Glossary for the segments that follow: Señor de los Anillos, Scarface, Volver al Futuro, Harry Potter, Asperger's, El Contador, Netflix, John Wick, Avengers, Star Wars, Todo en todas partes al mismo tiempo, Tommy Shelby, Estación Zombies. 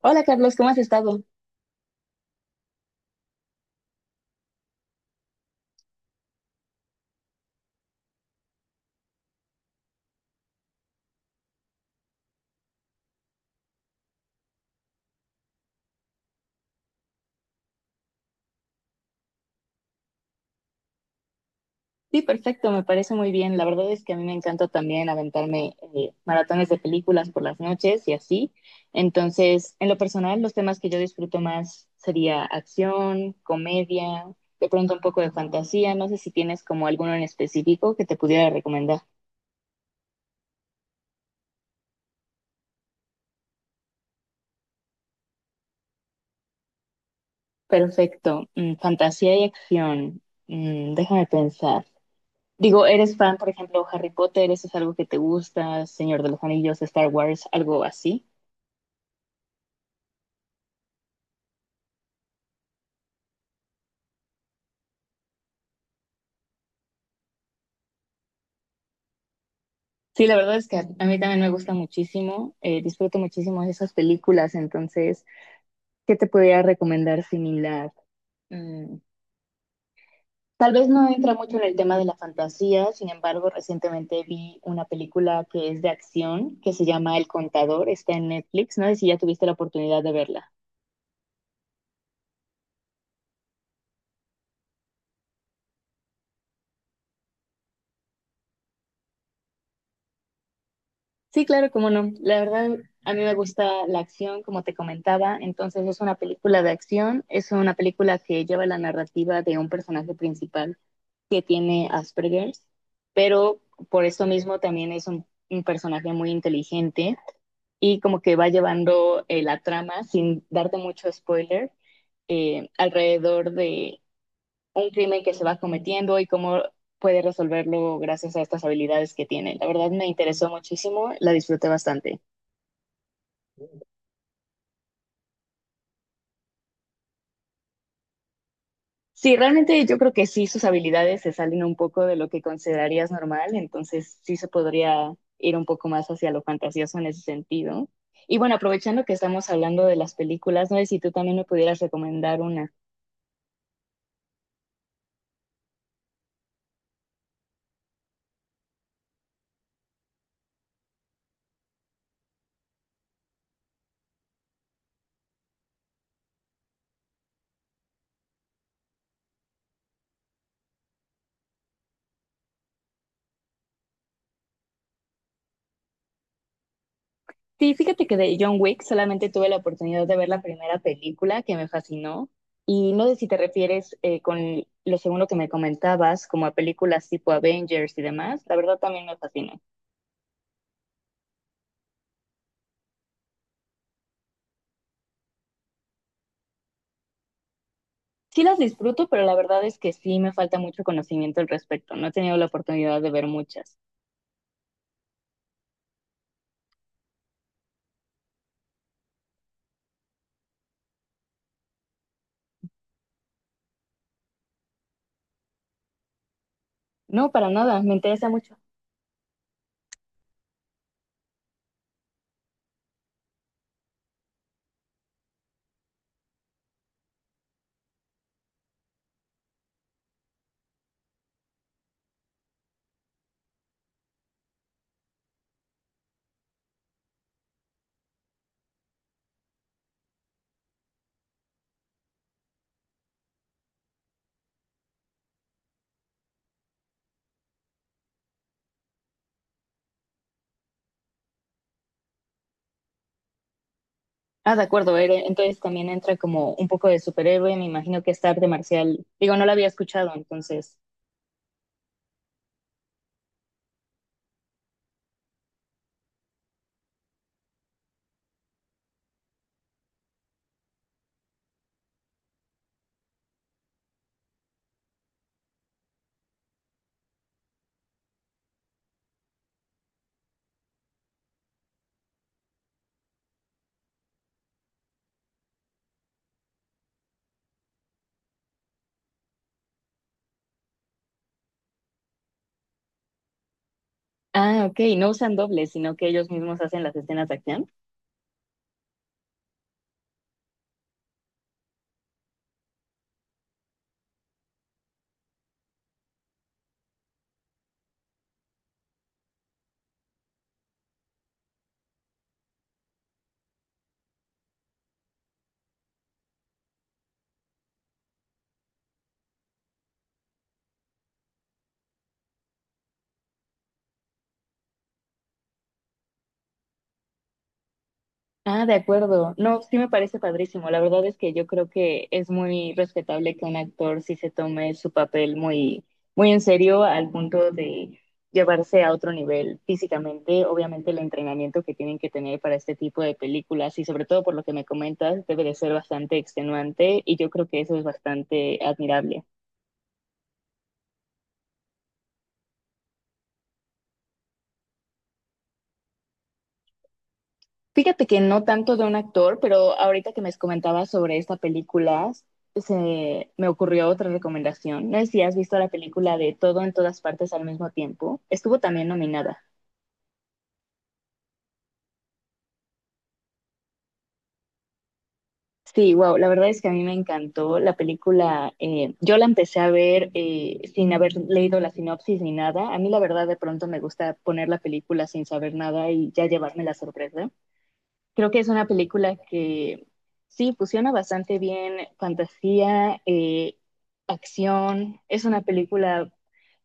Hola Carlos, ¿cómo has estado? Sí, perfecto, me parece muy bien. La verdad es que a mí me encanta también aventarme maratones de películas por las noches y así. Entonces, en lo personal, los temas que yo disfruto más sería acción, comedia, de pronto un poco de fantasía. No sé si tienes como alguno en específico que te pudiera recomendar. Perfecto, mm, fantasía y acción. Mm, déjame pensar. Digo, ¿eres fan, por ejemplo, Harry Potter? ¿Eso es algo que te gusta? Señor de los Anillos, Star Wars, algo así. Sí, la verdad es que a mí también me gusta muchísimo, disfruto muchísimo de esas películas, entonces, ¿qué te podría recomendar similar? Mm, tal vez no entra mucho en el tema de la fantasía, sin embargo, recientemente vi una película que es de acción, que se llama El Contador, está en Netflix, no sé si ya tuviste la oportunidad de verla. Sí, claro, cómo no. La verdad, a mí me gusta la acción, como te comentaba, entonces es una película de acción, es una película que lleva la narrativa de un personaje principal que tiene Asperger's, pero por eso mismo también es un personaje muy inteligente y como que va llevando la trama sin darte mucho spoiler alrededor de un crimen que se va cometiendo y cómo puede resolverlo gracias a estas habilidades que tiene. La verdad me interesó muchísimo, la disfruté bastante. Sí, realmente yo creo que sí, sus habilidades se salen un poco de lo que considerarías normal, entonces sí se podría ir un poco más hacia lo fantasioso en ese sentido. Y bueno, aprovechando que estamos hablando de las películas, no sé si tú también me pudieras recomendar una. Sí, fíjate que de John Wick solamente tuve la oportunidad de ver la primera película que me fascinó. Y no sé si te refieres con lo segundo que me comentabas, como a películas tipo Avengers y demás. La verdad también me fascinó. Sí las disfruto, pero la verdad es que sí me falta mucho conocimiento al respecto. No he tenido la oportunidad de ver muchas. No, para nada, me interesa mucho. Ah, de acuerdo, Eren. Entonces también entra como un poco de superhéroe, me imagino que es arte marcial. Digo, no la había escuchado, entonces. Ah, ok, no usan dobles, sino que ellos mismos hacen las escenas de acción. Ah, de acuerdo. No, sí me parece padrísimo. La verdad es que yo creo que es muy respetable que un actor sí se tome su papel muy, muy en serio al punto de llevarse a otro nivel físicamente. Obviamente el entrenamiento que tienen que tener para este tipo de películas y sobre todo por lo que me comentas, debe de ser bastante extenuante y yo creo que eso es bastante admirable. Fíjate que no tanto de un actor, pero ahorita que me comentabas sobre esta película, se me ocurrió otra recomendación. No sé si has visto la película de Todo en todas partes al mismo tiempo. Estuvo también nominada. Sí, wow, la verdad es que a mí me encantó la película. Yo la empecé a ver sin haber leído la sinopsis ni nada. A mí la verdad de pronto me gusta poner la película sin saber nada y ya llevarme la sorpresa. Creo que es una película que sí fusiona bastante bien fantasía, acción. Es una película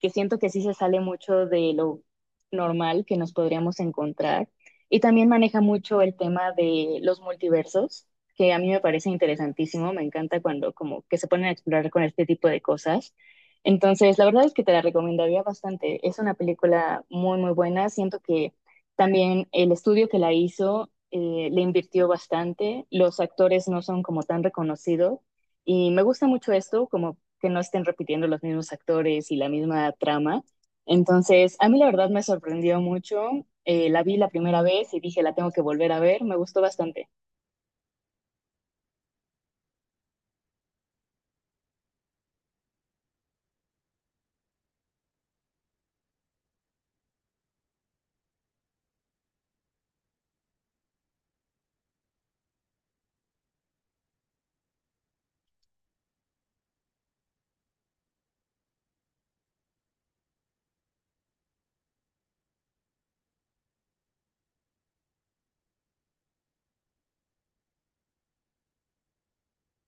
que siento que sí se sale mucho de lo normal que nos podríamos encontrar. Y también maneja mucho el tema de los multiversos, que a mí me parece interesantísimo, me encanta cuando como que se ponen a explorar con este tipo de cosas. Entonces, la verdad es que te la recomendaría bastante. Es una película muy, muy buena. Siento que también el estudio que la hizo le invirtió bastante. Los actores no son como tan reconocidos. Y me gusta mucho esto, como que no estén repitiendo los mismos actores y la misma trama. Entonces, a mí la verdad me sorprendió mucho. La vi la primera vez y dije, la tengo que volver a ver, me gustó bastante.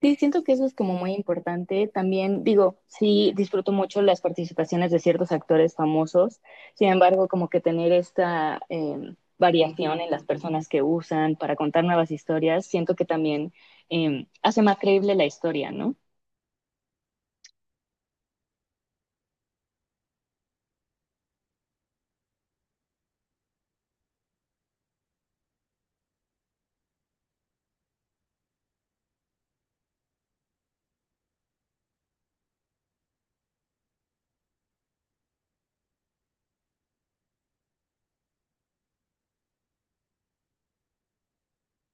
Sí, siento que eso es como muy importante. También digo, sí, disfruto mucho las participaciones de ciertos actores famosos. Sin embargo, como que tener esta variación en las personas que usan para contar nuevas historias, siento que también hace más creíble la historia, ¿no?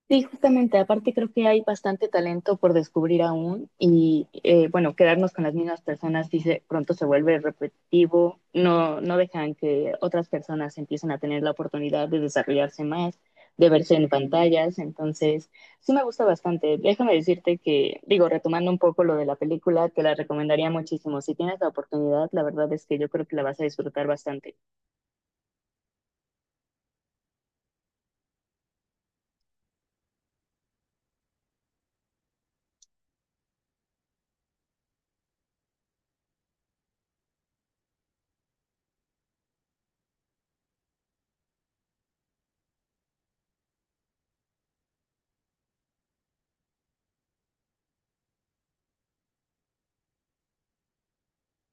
Sí, justamente, aparte creo que hay bastante talento por descubrir aún y bueno, quedarnos con las mismas personas si se, pronto se vuelve repetitivo, no, no dejan que otras personas empiecen a tener la oportunidad de desarrollarse más, de verse en pantallas, entonces sí me gusta bastante. Déjame decirte que, digo, retomando un poco lo de la película, te la recomendaría muchísimo. Si tienes la oportunidad, la verdad es que yo creo que la vas a disfrutar bastante.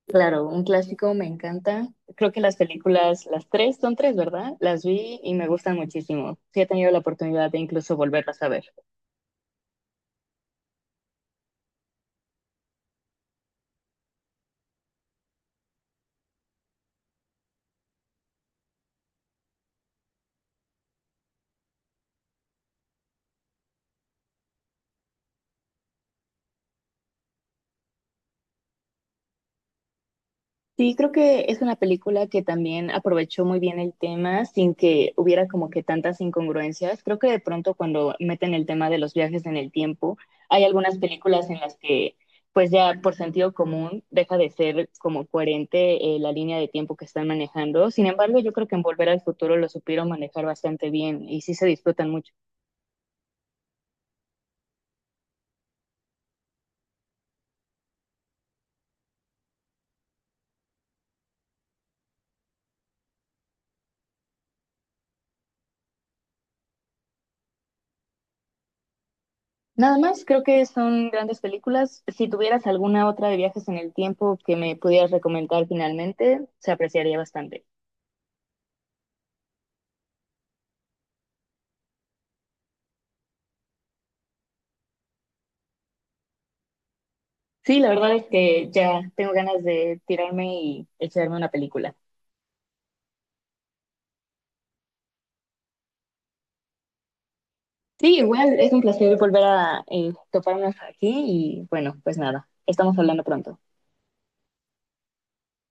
Claro, un clásico me encanta. Creo que las películas, las tres, son tres, ¿verdad? Las vi y me gustan muchísimo. Sí he tenido la oportunidad de incluso volverlas a ver. Sí, creo que es una película que también aprovechó muy bien el tema sin que hubiera como que tantas incongruencias. Creo que de pronto cuando meten el tema de los viajes en el tiempo, hay algunas películas en las que pues ya por sentido común deja de ser como coherente la línea de tiempo que están manejando. Sin embargo, yo creo que en Volver al Futuro lo supieron manejar bastante bien y sí se disfrutan mucho. Nada más, creo que son grandes películas. Si tuvieras alguna otra de viajes en el tiempo que me pudieras recomendar finalmente, se apreciaría bastante. Sí, la verdad es que ya tengo ganas de tirarme y echarme una película. Sí, igual es un placer volver a toparnos aquí y bueno, pues nada, estamos hablando pronto.